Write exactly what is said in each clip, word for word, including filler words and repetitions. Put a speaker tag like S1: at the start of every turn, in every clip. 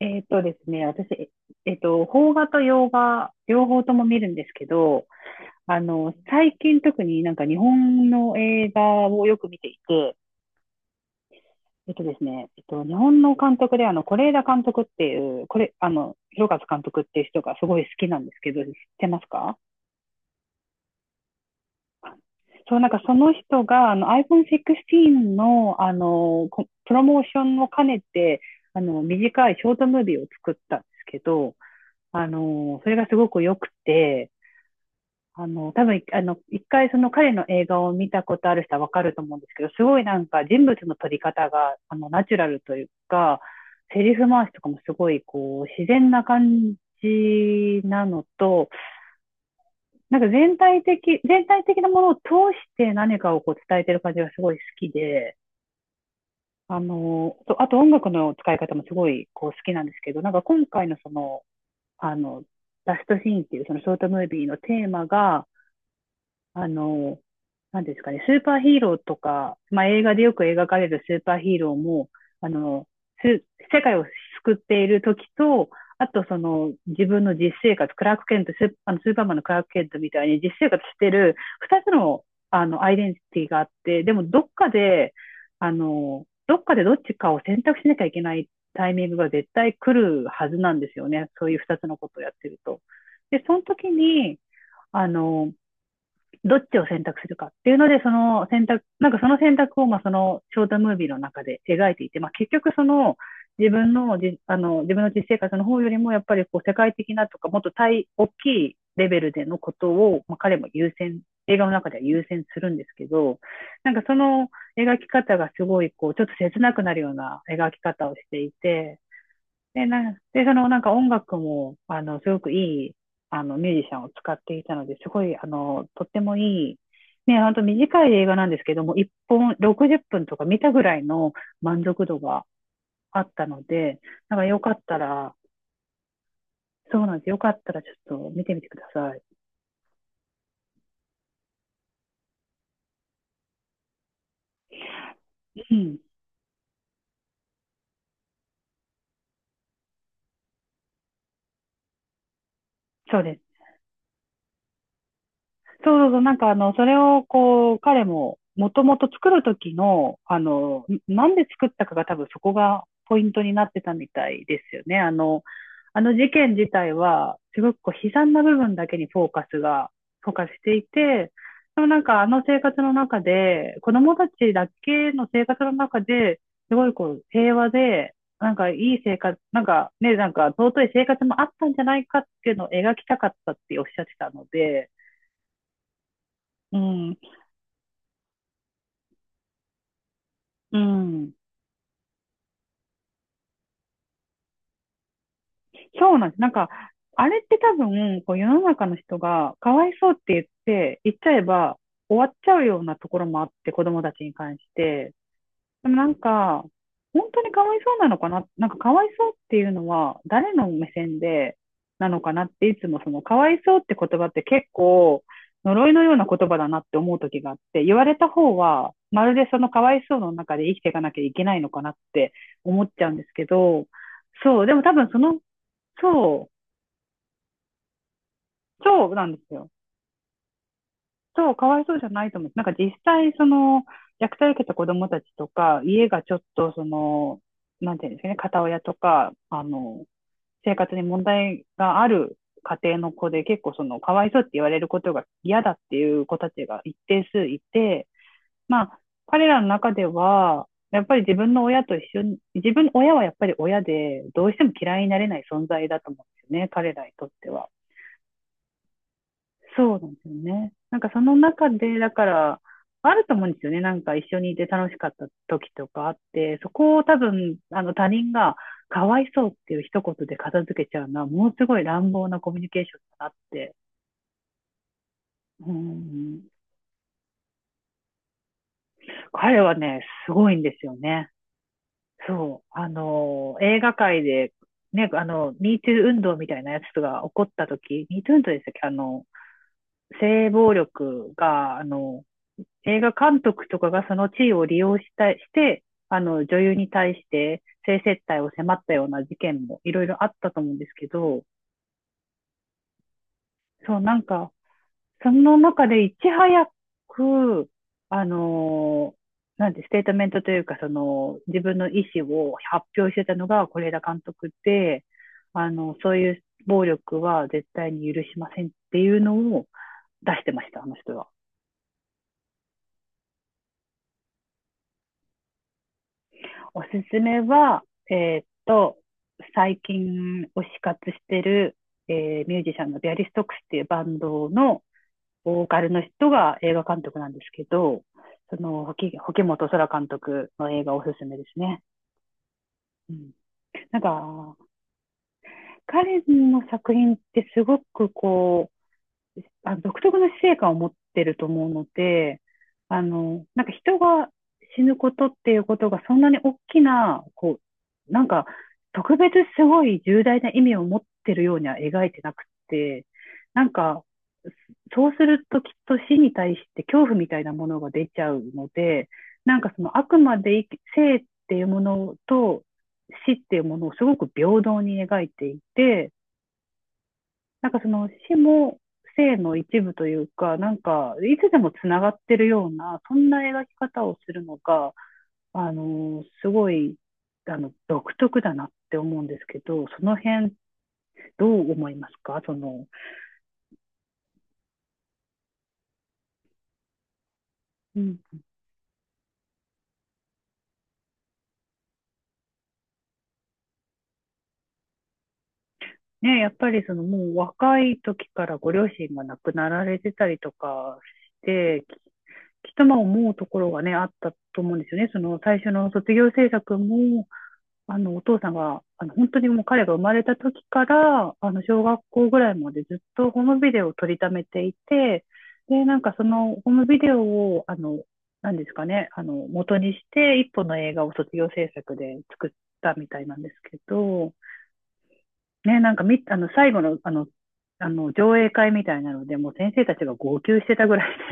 S1: えーっとですね、私、えっと、邦画と洋画、両方とも見るんですけど、あの、最近特になんか日本の映画をよく見ていて、えっとですね、えっと、日本の監督で、あの、是枝監督っていう、これ、あの、広和監督っていう人がすごい好きなんですけど、知ってますか？そう、なんかその人が、あの、アイフォンじゅうろく の、あの、こプロモーションを兼ねて、あの、短いショートムービーを作ったんですけど、あの、それがすごく良くて、あの、多分、あの、一回その彼の映画を見たことある人はわかると思うんですけど、すごいなんか人物の撮り方が、あの、ナチュラルというか、セリフ回しとかもすごい、こう、自然な感じなのと、なんか全体的、全体的なものを通して何かをこう伝えてる感じがすごい好きで、あの、とあと音楽の使い方もすごい、こう、好きなんですけど、なんか今回のその、あの、ラストシーンっていうそのショートムービーのテーマが、あの、なんですかね、スーパーヒーローとか、まあ、映画でよく描かれるスーパーヒーローも、あの、す世界を救っている時と、あとその自分の実生活、クラーク・ケント、スーあのスーパーマンのクラーク・ケントみたいに実生活してる二つの、あのアイデンティティがあって、でもどっかで、あの、どっかでどっちかを選択しなきゃいけないタイミングが絶対来るはずなんですよね。そういう二つのことをやってると。で、その時に、あの、どっちを選択するかっていうので、その選択、なんかその選択を、まあ、そのショートムービーの中で描いていて、まあ、結局その自分のじ、あの、自分の実生活の方よりも、やっぱりこう世界的なとか、もっと大、大きいレベルでのことを、まあ、彼も優先、映画の中では優先するんですけど、なんかその描き方がすごい、こう、ちょっと切なくなるような描き方をしていて、で、なんで、そのなんか音楽も、あの、すごくいい、あの、ミュージシャンを使っていたので、すごい、あの、とってもいい、ね、ほんと短い映画なんですけども、いっぽんろくじゅっぷんとか見たぐらいの満足度があったので、なんかよかったら、そうなんです。よかったらちょっと見てみてください。うん。そうです。そうそうそう、なんかあの、それをこう、彼も、もともと作る時の、あの、なんで作ったかが多分そこがポイントになってたみたいですよね。あの、あの事件自体は、すごくこう悲惨な部分だけにフォーカスが、フォーカスしていて、でもなんかあの生活の中で、子供たちだけの生活の中で、すごいこう平和で、なんかいい生活、なんかね、なんか尊い生活もあったんじゃないかっていうのを描きたかったっておっしゃってたので、うん、うん。そうなんです。なんか、あれって多分、こう世の中の人が、かわいそうって言って、言っちゃえば終わっちゃうようなところもあって、子供たちに関して。でもなんか、本当にかわいそうなのかな、なんかかわいそうっていうのは、誰の目線でなのかなって、いつもその、かわいそうって言葉って結構、呪いのような言葉だなって思う時があって、言われた方は、まるでそのかわいそうの中で生きていかなきゃいけないのかなって思っちゃうんですけど、そう、でも多分その、そう、そうなんですよ。そう、かわいそうじゃないと思う。なんか実際、その、虐待を受けた子供たちとか、家がちょっと、その、なんていうんですかね、片親とか、あの、生活に問題がある家庭の子で、結構その、かわいそうって言われることが嫌だっていう子たちが一定数いて、まあ、彼らの中では、やっぱり自分の親と一緒に、自分、親はやっぱり親で、どうしても嫌いになれない存在だと思うんですよね、彼らにとっては。そうなんですよね。なんかその中で、だから、あると思うんですよね。なんか一緒にいて楽しかった時とかあって、そこを多分、あの他人がかわいそうっていう一言で片付けちゃうのは、ものすごい乱暴なコミュニケーションだなって。うん。彼はね、すごいんですよね。そう。あの、映画界で、ね、あの、ミートゥー運動みたいなやつが起こった時、ミートゥー運動でしたっけあの、性暴力が、あの、映画監督とかがその地位を利用したして、あの、女優に対して性接待を迫ったような事件もいろいろあったと思うんですけど、そう、なんか、その中でいち早く、あの、なんて、ステートメントというか、その、自分の意思を発表してたのが是枝監督で、あの、そういう暴力は絶対に許しませんっていうのを出してました、あの人は。おすすめは、えーっと、最近推し活してる、えーミュージシャンのビアリストックスっていうバンドのボーカルの人が映画監督なんですけど、その、ほき保本空監督の映画おすすめですね。うん、なんか、彼の作品ってすごくこう、あ独特の死生観を持ってると思うので、あの、なんか人が死ぬことっていうことがそんなに大きな、こう、なんか特別すごい重大な意味を持ってるようには描いてなくて、なんかそうするときっと死に対して恐怖みたいなものが出ちゃうので、なんかそのあくまで生生っていうものと死っていうものをすごく平等に描いていて、なんかその死も生の一部というか、なんかいつでもつながってるような、そんな描き方をするのが、あの、すごい、あの、独特だなって思うんですけど、その辺どう思いますかその、うんね、やっぱりそのもう若い時からご両親が亡くなられてたりとかして、きっとまあ思うところがね、あったと思うんですよね。その最初の卒業制作も、あの、お父さんが、あの、本当にもう彼が生まれた時から、あの、小学校ぐらいまでずっとホームビデオを撮りためていて、で、なんかそのホームビデオを、あの、なんですかね、あの、元にして一本の映画を卒業制作で作ったみたいなんですけど、ね、なんかみ、あの、最後の、あの、あの、上映会みたいなので、もう先生たちが号泣してたぐらいで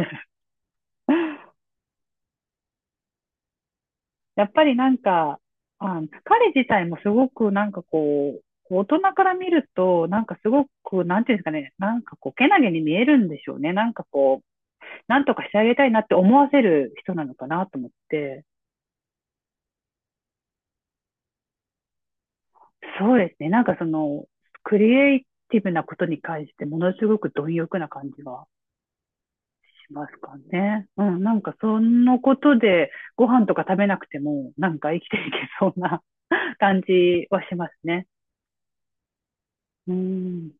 S1: やっぱりなんか、あ、彼自体もすごくなんかこう、大人から見ると、なんかすごく、なんていうんですかね、なんかこう、けなげに見えるんでしょうね。なんかこう、なんとかしてあげたいなって思わせる人なのかなと思って、そうですね、なんかその、クリエイティブなことに関して、ものすごく貪欲な感じがしますかね。うん、なんかそのことで、ご飯とか食べなくても、なんか生きていけそうな 感じはしますね。うん。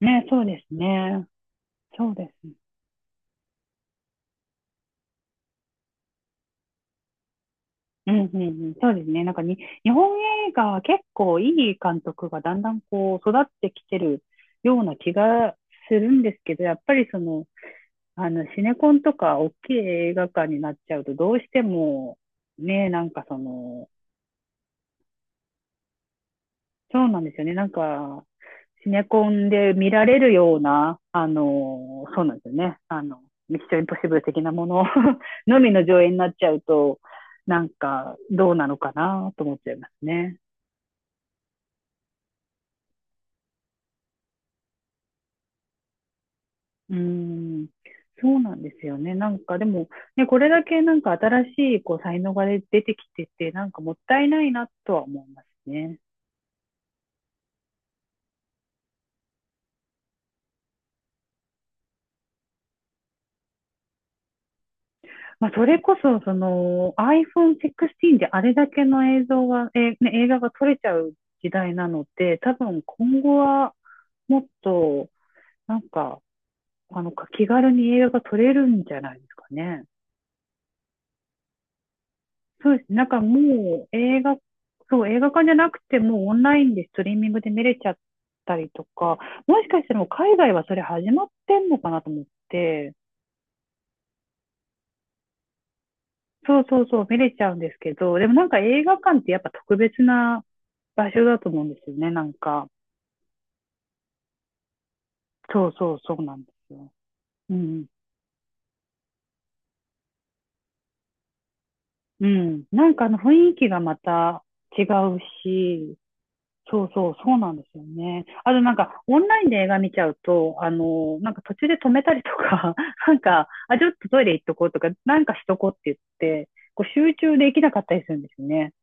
S1: ね、そうですね。そうです。うんうんうん。そうですね。なんかに、日本映画は結構いい監督がだんだんこう育ってきてるような気がするんですけど、やっぱりその、あの、シネコンとか大きい映画館になっちゃうと、どうしても、ね、なんかその、そうなんですよね。なんか、シネコンで見られるような、あの、そうなんですよね。あの、ミッションインポッシブル的なもの のみの上映になっちゃうと、なんか、どうなのかなと思っちゃいますね。うん。そうなんですよね。なんかでも、ね、これだけなんか新しいこう才能がね出てきてて、なんかもったいないなとは思いますね。まあ、それこそ、その アイフォンじゅうろく であれだけの映像が、えーね、映画が撮れちゃう時代なので、多分今後はもっと、なんか、あの、気軽に映画が撮れるんじゃないですかね。そうですね。なんかもう映画、そう、映画館じゃなくてもうオンラインでストリーミングで見れちゃったりとか、もしかしたらもう海外はそれ始まってんのかなと思って、そうそうそう、見れちゃうんですけど、でもなんか映画館ってやっぱ特別な場所だと思うんですよね、なんか。そうそう、そうなんですよ。うん。うん。なんかあの雰囲気がまた違うし、そうそう、そうなんですよね。あとなんか、オンラインで映画見ちゃうと、あの、なんか途中で止めたりとか、なんか、あ、ちょっとトイレ行っとこうとか、なんかしとこうって言って、こう集中できなかったりするんですよね。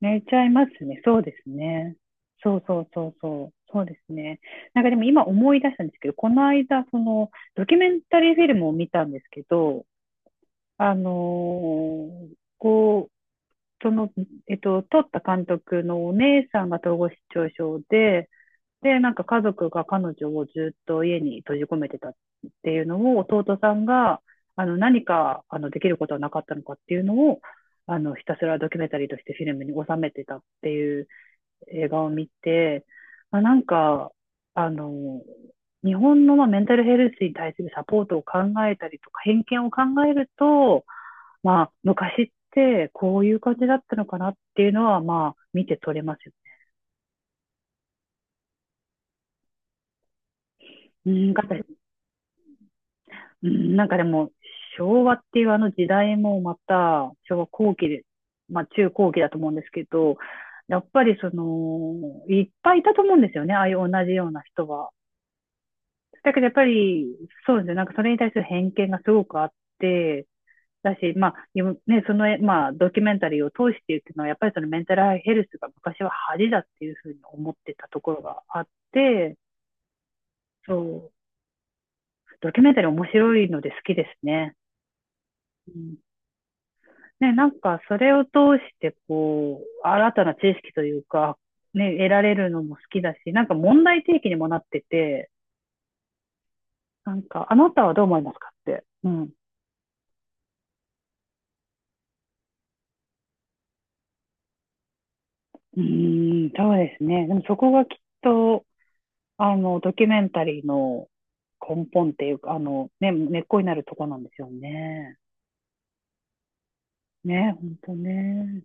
S1: 寝ちゃいますね。そうですね。そうそうそうそう。そうですね。なんかでも今思い出したんですけど、この間、その、ドキュメンタリーフィルムを見たんですけど、あのーこう、その、えっと、撮った監督のお姉さんが統合失調症で、で、なんか家族が彼女をずっと家に閉じ込めてたっていうのを、弟さんが、あの、何か、あの、できることはなかったのかっていうのを、あの、ひたすらドキュメンタリーとしてフィルムに収めてたっていう映画を見て、まあ、なんか、あの、日本のまあメンタルヘルスに対するサポートを考えたりとか、偏見を考えると、まあ、昔ってこういう感じだったのかなっていうのは、まあ、見て取れますよ。うん、かうんなんかでも、昭和っていうあの時代もまた、昭和後期で、まあ、中後期だと思うんですけど、やっぱりその、いっぱいいたと思うんですよね、ああいう同じような人は。だけどやっぱり、そうですね、なんかそれに対する偏見がすごくあって、だし、まあ、ね、その、まあ、ドキュメンタリーを通して言ってのは、やっぱりそのメンタルヘルスが昔は恥だっていうふうに思ってたところがあって、そう、ドキュメンタリー面白いので好きですね。うん、ね、なんかそれを通して、こう、新たな知識というか、ね、得られるのも好きだし、なんか問題提起にもなってて、なんか、あなたはどう思いますかって、うん、うーん、そうですね。でもそこがきっと、あの、ドキュメンタリーの根本っていうか、あの、ね、根っこになるとこなんですよね。ね、本当ね。